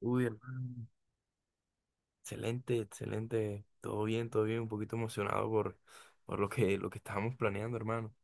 Uy, hermano, excelente, excelente. Todo bien, todo bien. Un poquito emocionado por lo que estábamos planeando, hermano.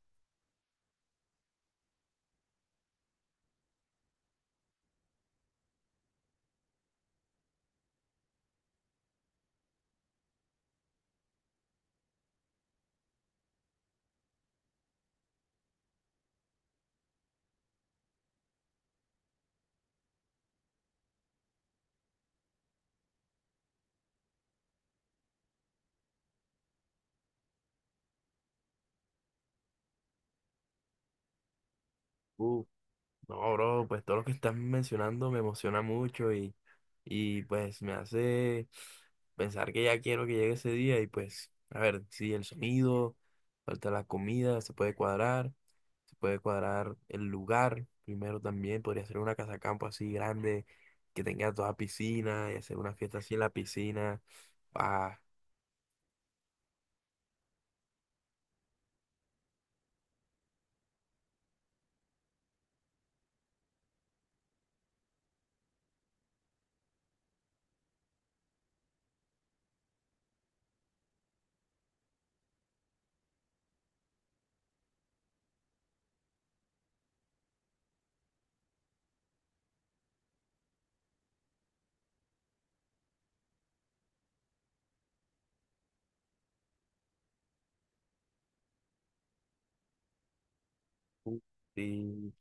Uh, no, bro, pues todo lo que estás mencionando me emociona mucho y pues me hace pensar que ya quiero que llegue ese día y pues, a ver, sí, el sonido, falta la comida, se puede cuadrar el lugar. Primero también podría ser una casa campo así grande, que tenga toda piscina y hacer una fiesta así en la piscina. Sí,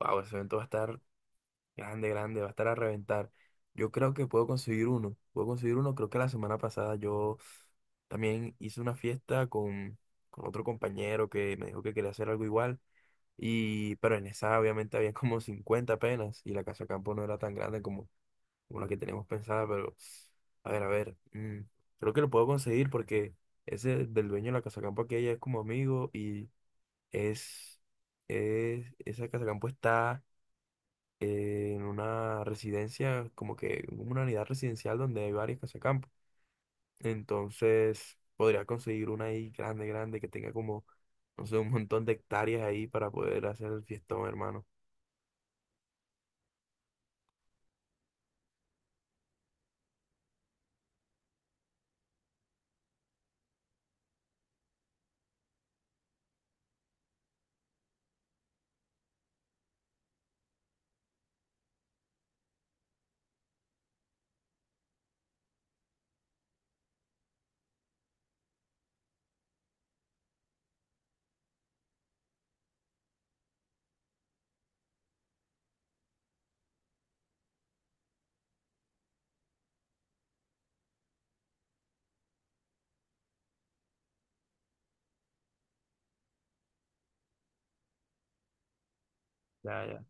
wow, ese evento va a estar grande, grande, va a estar a reventar. Yo creo que puedo conseguir uno, puedo conseguir uno. Creo que la semana pasada yo también hice una fiesta con otro compañero que me dijo que quería hacer algo igual. Y pero en esa obviamente había como 50 apenas y la casa de campo no era tan grande como la que teníamos pensada, pero a ver, creo que lo puedo conseguir porque ese del dueño de la casa de campo aquí ya es como amigo y es, es esa Casa Campo está en una residencia, como que una unidad residencial donde hay varias Casa Campo. Entonces, podría conseguir una ahí grande, grande, que tenga como, no sé, un montón de hectáreas ahí para poder hacer el fiestón, hermano. Ya, ya,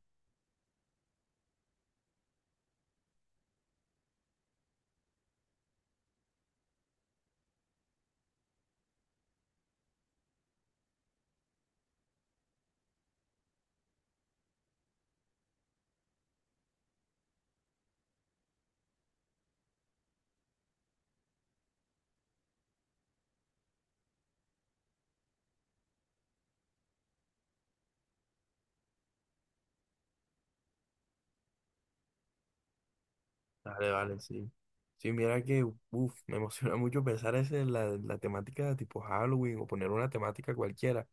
dale, vale, sí. Sí, mira que uff, me emociona mucho pensar en la temática de tipo Halloween o poner una temática cualquiera.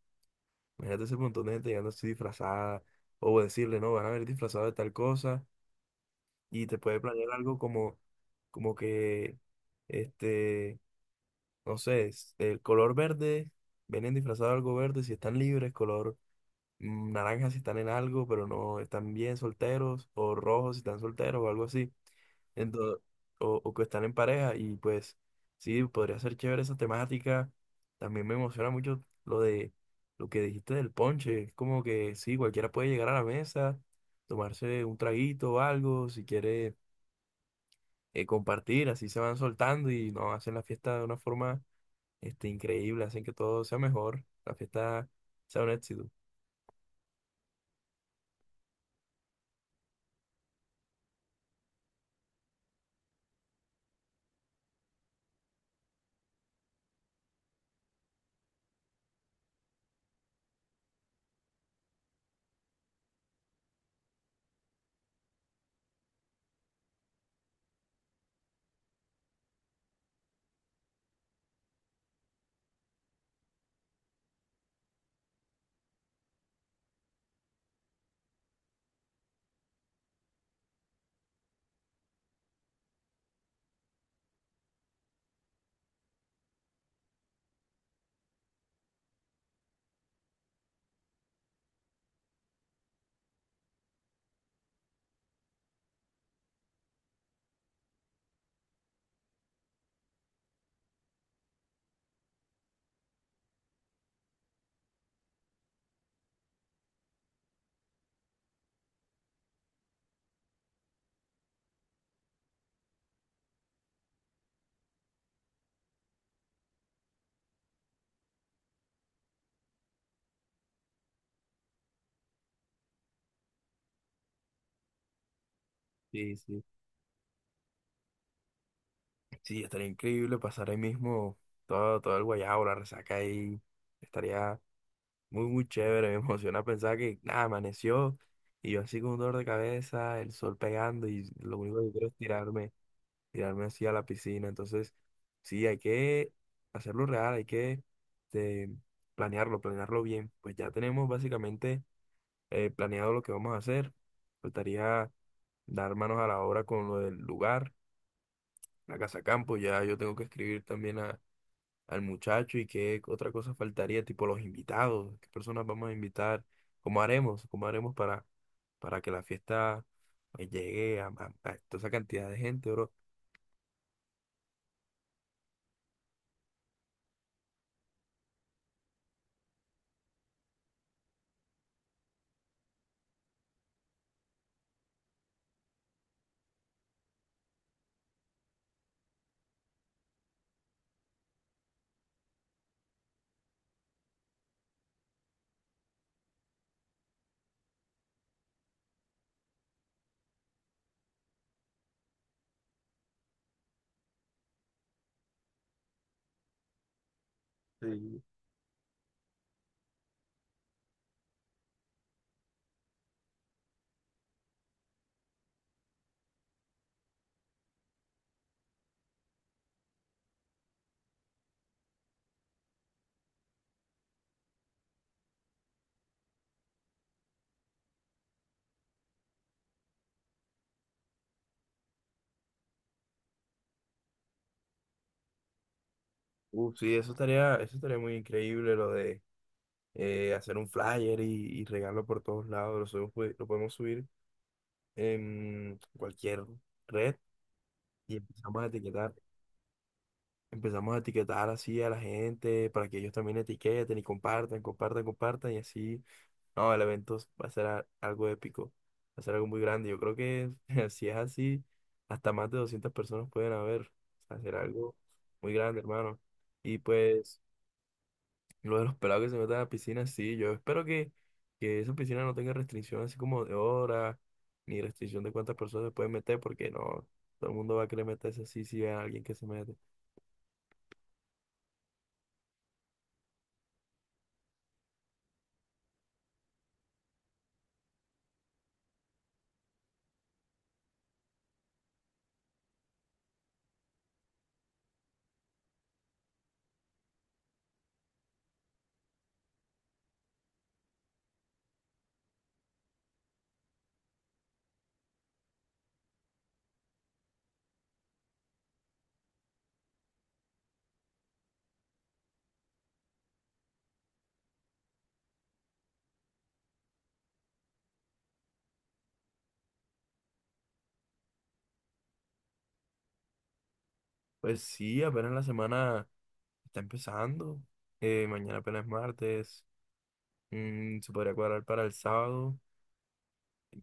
Imagínate ese montón de gente llegando así disfrazada o decirle, no, van a ver disfrazado de tal cosa y te puede planear algo como que, este, no sé, es- el color verde, vienen disfrazados de algo verde si están libres, color mm, naranja si están en algo, pero no están bien solteros, o rojo si están solteros o algo así, entonces, o que están en pareja y pues sí, podría ser chévere esa temática. También me emociona mucho lo de lo que dijiste del ponche, es como que sí, cualquiera puede llegar a la mesa, tomarse un traguito o algo, si quiere compartir, así se van soltando y no hacen la fiesta de una forma increíble, hacen que todo sea mejor, la fiesta sea un éxito. Sí, sí. Sí, estaría increíble pasar ahí mismo todo, todo el guayabo, la resaca ahí. Estaría muy, muy chévere. Me emociona pensar que nada, amaneció y yo así con un dolor de cabeza, el sol pegando y lo único que quiero es tirarme así a la piscina. Entonces, sí, hay que hacerlo real, hay que este, planearlo bien. Pues ya tenemos básicamente planeado lo que vamos a hacer. Faltaría dar manos a la obra con lo del lugar, la casa campo. Ya yo tengo que escribir también a- al muchacho y qué otra cosa faltaría, tipo los invitados, qué personas vamos a invitar, cómo haremos para que la fiesta pues, llegue a, a toda esa cantidad de gente, bro. Sí. Sí, eso estaría muy increíble, lo de hacer un flyer y regarlo por todos lados. Lo, subimos, pues, lo podemos subir en cualquier red y empezamos a etiquetar. Empezamos a etiquetar así a la gente para que ellos también etiqueten y compartan, compartan, compartan y así. No, el evento va a ser a- algo épico, va a ser algo muy grande. Yo creo que si es así, hasta más de 200 personas pueden haber. O sea, será algo muy grande, hermano. Y pues... Lo de los pelados que se meten a la piscina, sí, yo espero que esa piscina no tenga restricción así como de hora, ni restricción de cuántas personas se pueden meter, porque no, todo el mundo va a querer meterse así si ve a alguien que se mete. Pues sí, apenas la semana está empezando, mañana apenas es martes, se podría cuadrar para el sábado,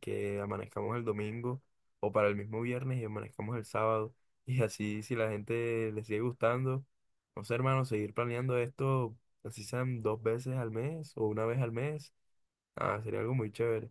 que amanezcamos el domingo o para el mismo viernes y amanezcamos el sábado. Y así, si la gente le sigue gustando, no sé, hermano, seguir planeando esto, así sean dos veces al mes o una vez al mes, ah, sería algo muy chévere,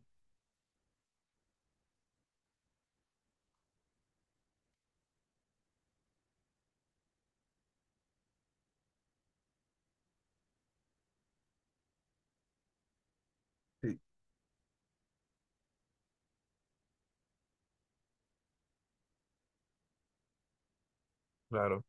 claro.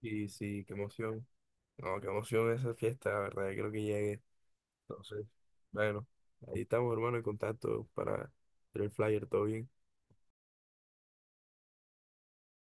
Y sí, qué emoción. No, qué emoción esa fiesta, la verdad, creo que llegue. Entonces, bueno, ahí estamos, hermano, en contacto para hacer el flyer, todo bien.